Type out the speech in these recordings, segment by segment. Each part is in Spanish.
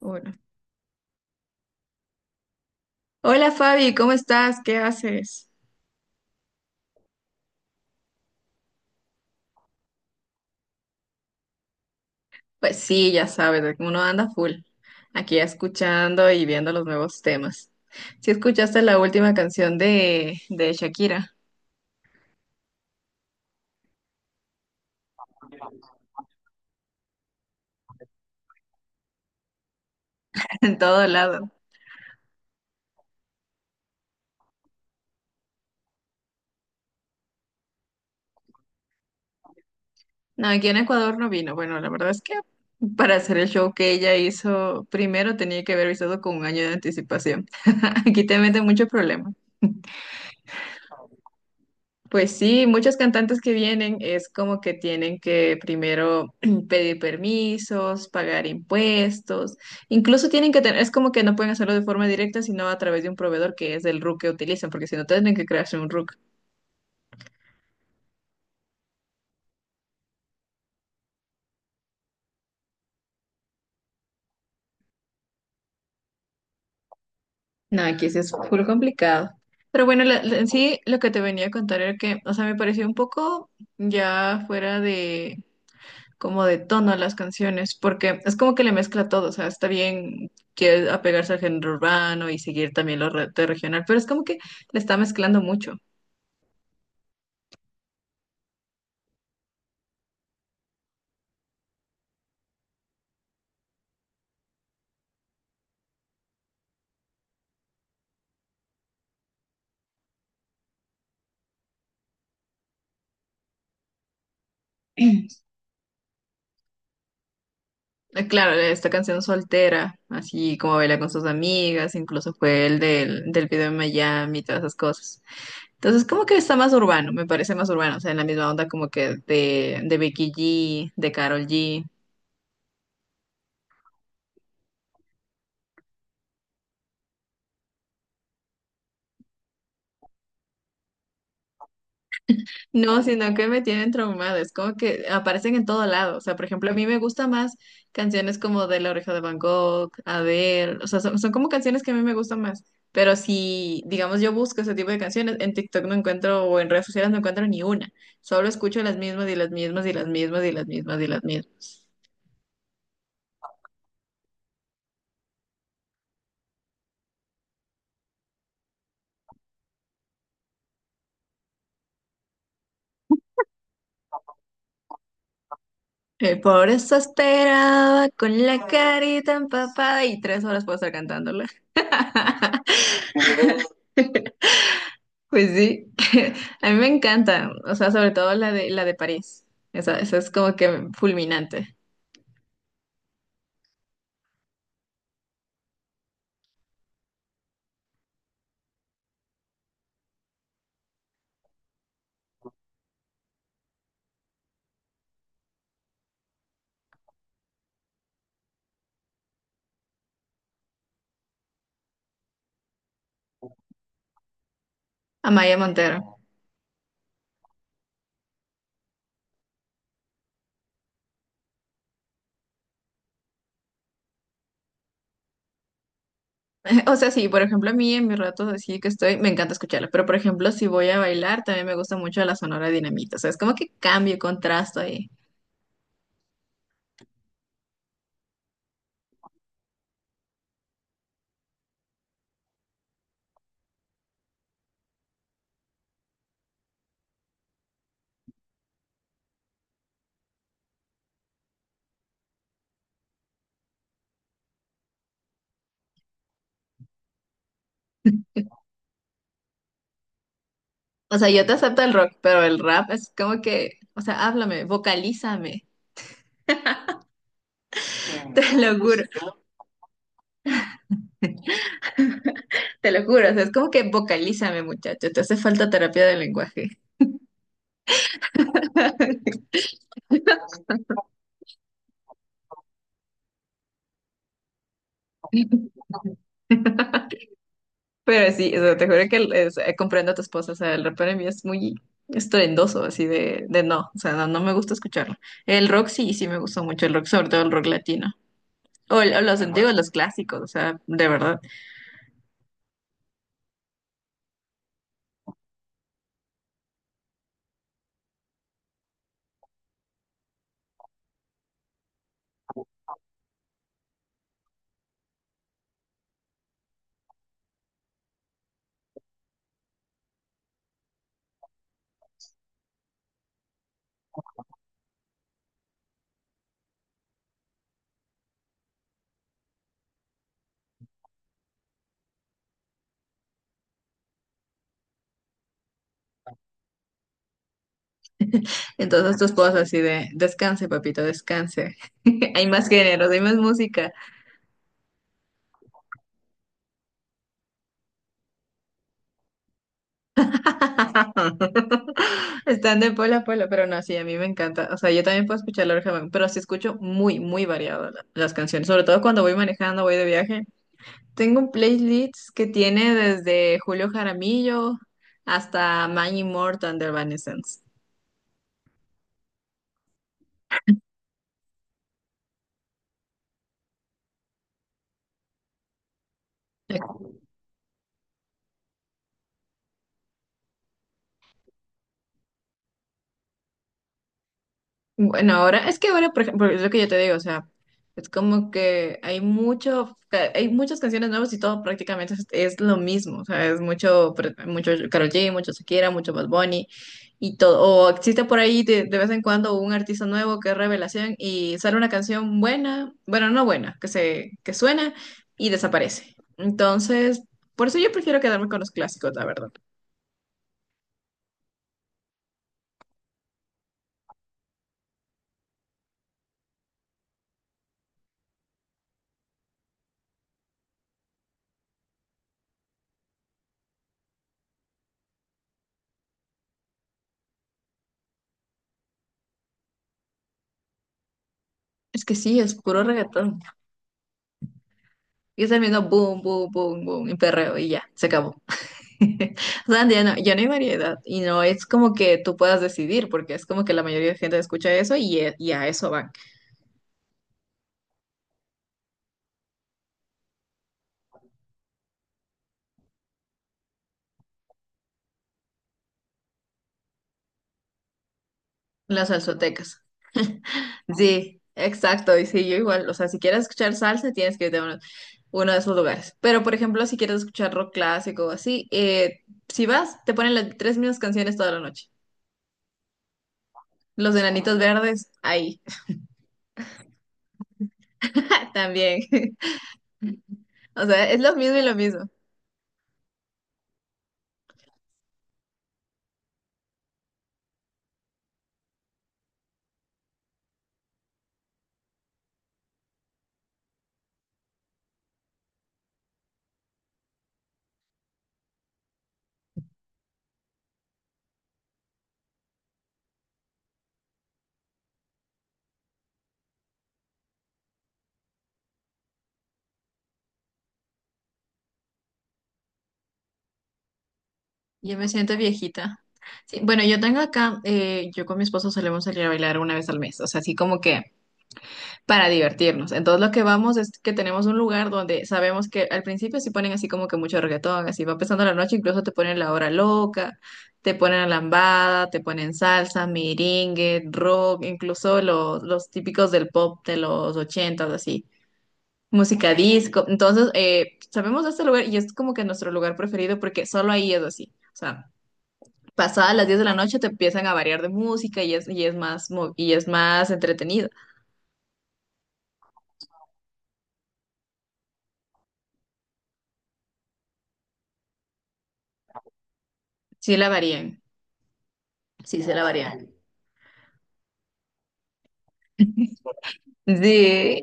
Hola. Hola Fabi, ¿cómo estás? ¿Qué haces? Pues sí, ya sabes, de que uno anda full, aquí escuchando y viendo los nuevos temas. Si escuchaste la última canción de Shakira, en todo lado. No, aquí en Ecuador no vino. Bueno, la verdad es que para hacer el show que ella hizo, primero tenía que haber avisado con un año de anticipación. Aquí te meten muchos problemas. Pues sí, muchos cantantes que vienen es como que tienen que primero pedir permisos, pagar impuestos, incluso tienen que tener, es como que no pueden hacerlo de forma directa, sino a través de un proveedor que es el RUC que utilizan, porque si no tienen que crearse un RUC. No, aquí sí es full complicado. Pero bueno, en sí lo que te venía a contar era que, o sea, me pareció un poco ya fuera como de tono a las canciones, porque es como que le mezcla todo, o sea, está bien que apegarse al género urbano y seguir también de regional, pero es como que le está mezclando mucho. Claro, esta canción soltera, así como baila con sus amigas, incluso fue el del video en Miami y todas esas cosas. Entonces, como que está más urbano, me parece más urbano, o sea, en la misma onda como que de Becky G, de Karol G. No, sino que me tienen traumada, es como que aparecen en todo lado, o sea, por ejemplo, a mí me gusta más canciones como de La Oreja de Van Gogh, Adele, o sea, son como canciones que a mí me gustan más, pero si, digamos, yo busco ese tipo de canciones, en TikTok no encuentro o en redes sociales no encuentro ni una, solo escucho las mismas y las mismas y las mismas y las mismas y las mismas. Por eso esperaba con la carita empapada y tres horas puedo estar cantándola. Pues sí, a mí me encanta, o sea, sobre todo la de París, esa es como que fulminante. Amaya Montero. O sea, sí, por ejemplo, a mí en mis ratos así que estoy, me encanta escucharla, pero por ejemplo, si voy a bailar, también me gusta mucho la Sonora Dinamita, o sea, es como que cambio, contrasto ahí. O sea, yo te acepto el rock, pero el rap es como que, o sea, háblame, vocalízame. Te lo juro, te lo juro. O sea, es como que vocalízame, muchacho. Te hace falta terapia del lenguaje. Pero sí, o sea, te juro que o sea, comprendo a tu esposa. O sea, el rap para mí es muy estruendoso, así de no. O sea, no, no me gusta escucharlo. El rock sí, sí me gustó mucho el rock, sobre todo el rock latino. O, o los antiguos, los clásicos, o sea, de verdad. Entonces tu esposa así de, descanse, papito, descanse. Hay más géneros, hay más música. Están de polo a polo, pero no, sí, a mí me encanta. O sea, yo también puedo escuchar Laura Jamón, pero sí escucho muy, muy variado las canciones, sobre todo cuando voy manejando, voy de viaje. Tengo un playlist que tiene desde Julio Jaramillo hasta Maggie Morton de Evanescence. Bueno, ahora, es que ahora, por ejemplo, es lo que yo te digo, o sea, es como que hay mucho, hay muchas canciones nuevas y todo prácticamente es lo mismo, o sea, es mucho, mucho Karol G, mucho Shakira, mucho Bad Bunny y todo, o existe por ahí de vez en cuando un artista nuevo que es revelación y sale una canción buena, bueno, no buena, que se, que suena y desaparece. Entonces, por eso yo prefiero quedarme con los clásicos, la verdad. Es que sí, es puro reggaetón. Y es el mismo boom, boom, boom, boom, y perreo y ya, se acabó. O sea, ya no, ya no hay variedad y no es como que tú puedas decidir, porque es como que la mayoría de gente escucha eso y, y a eso van las salsotecas. Sí, exacto, y sí, yo igual, o sea, si quieres escuchar salsa, tienes que irte a uno, uno de esos lugares. Pero, por ejemplo, si quieres escuchar rock clásico o así, si vas, te ponen las tres mismas canciones toda la noche. Los enanitos verdes, ahí, también. O sea, es lo mismo y lo mismo. Yo me siento viejita. Sí, bueno, yo tengo acá, yo con mi esposo solemos salir a bailar una vez al mes, o sea, así como que para divertirnos. Entonces lo que vamos es que tenemos un lugar donde sabemos que al principio sí ponen así como que mucho reggaetón, así va empezando la noche, incluso te ponen la hora loca, te ponen lambada, te ponen salsa, merengue, rock, incluso los típicos del pop de los ochentas, así música disco. Entonces, sabemos de este lugar y es como que nuestro lugar preferido porque solo ahí es así. O sea, pasadas las 10 de la noche te empiezan a variar de música y es más, y es más entretenido. Sí la varían, sí se la varían. Sí,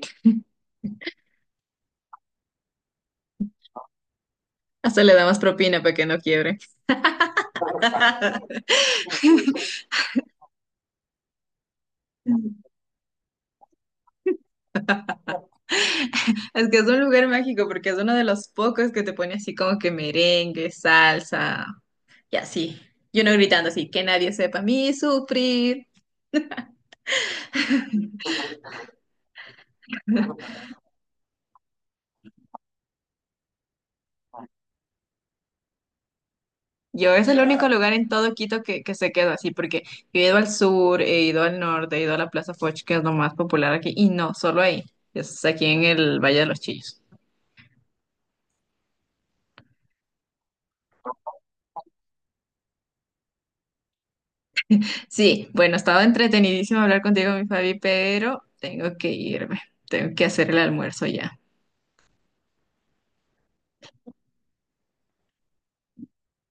hasta le da más propina para que no quiebre. Es que es un lugar mágico porque es uno de los pocos que te pone así como que merengue, salsa y así. Y uno gritando así, que nadie sepa a mí sufrir. Yo es el único lugar en todo Quito que se quedó así, porque yo he ido al sur, he ido al norte, he ido a la Plaza Foch, que es lo más popular aquí, y no, solo ahí, es aquí en el Valle de los Chillos. Sí, bueno, estaba entretenidísimo hablar contigo, mi Fabi, pero tengo que irme, tengo que hacer el almuerzo ya.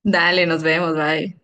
Dale, nos vemos, bye.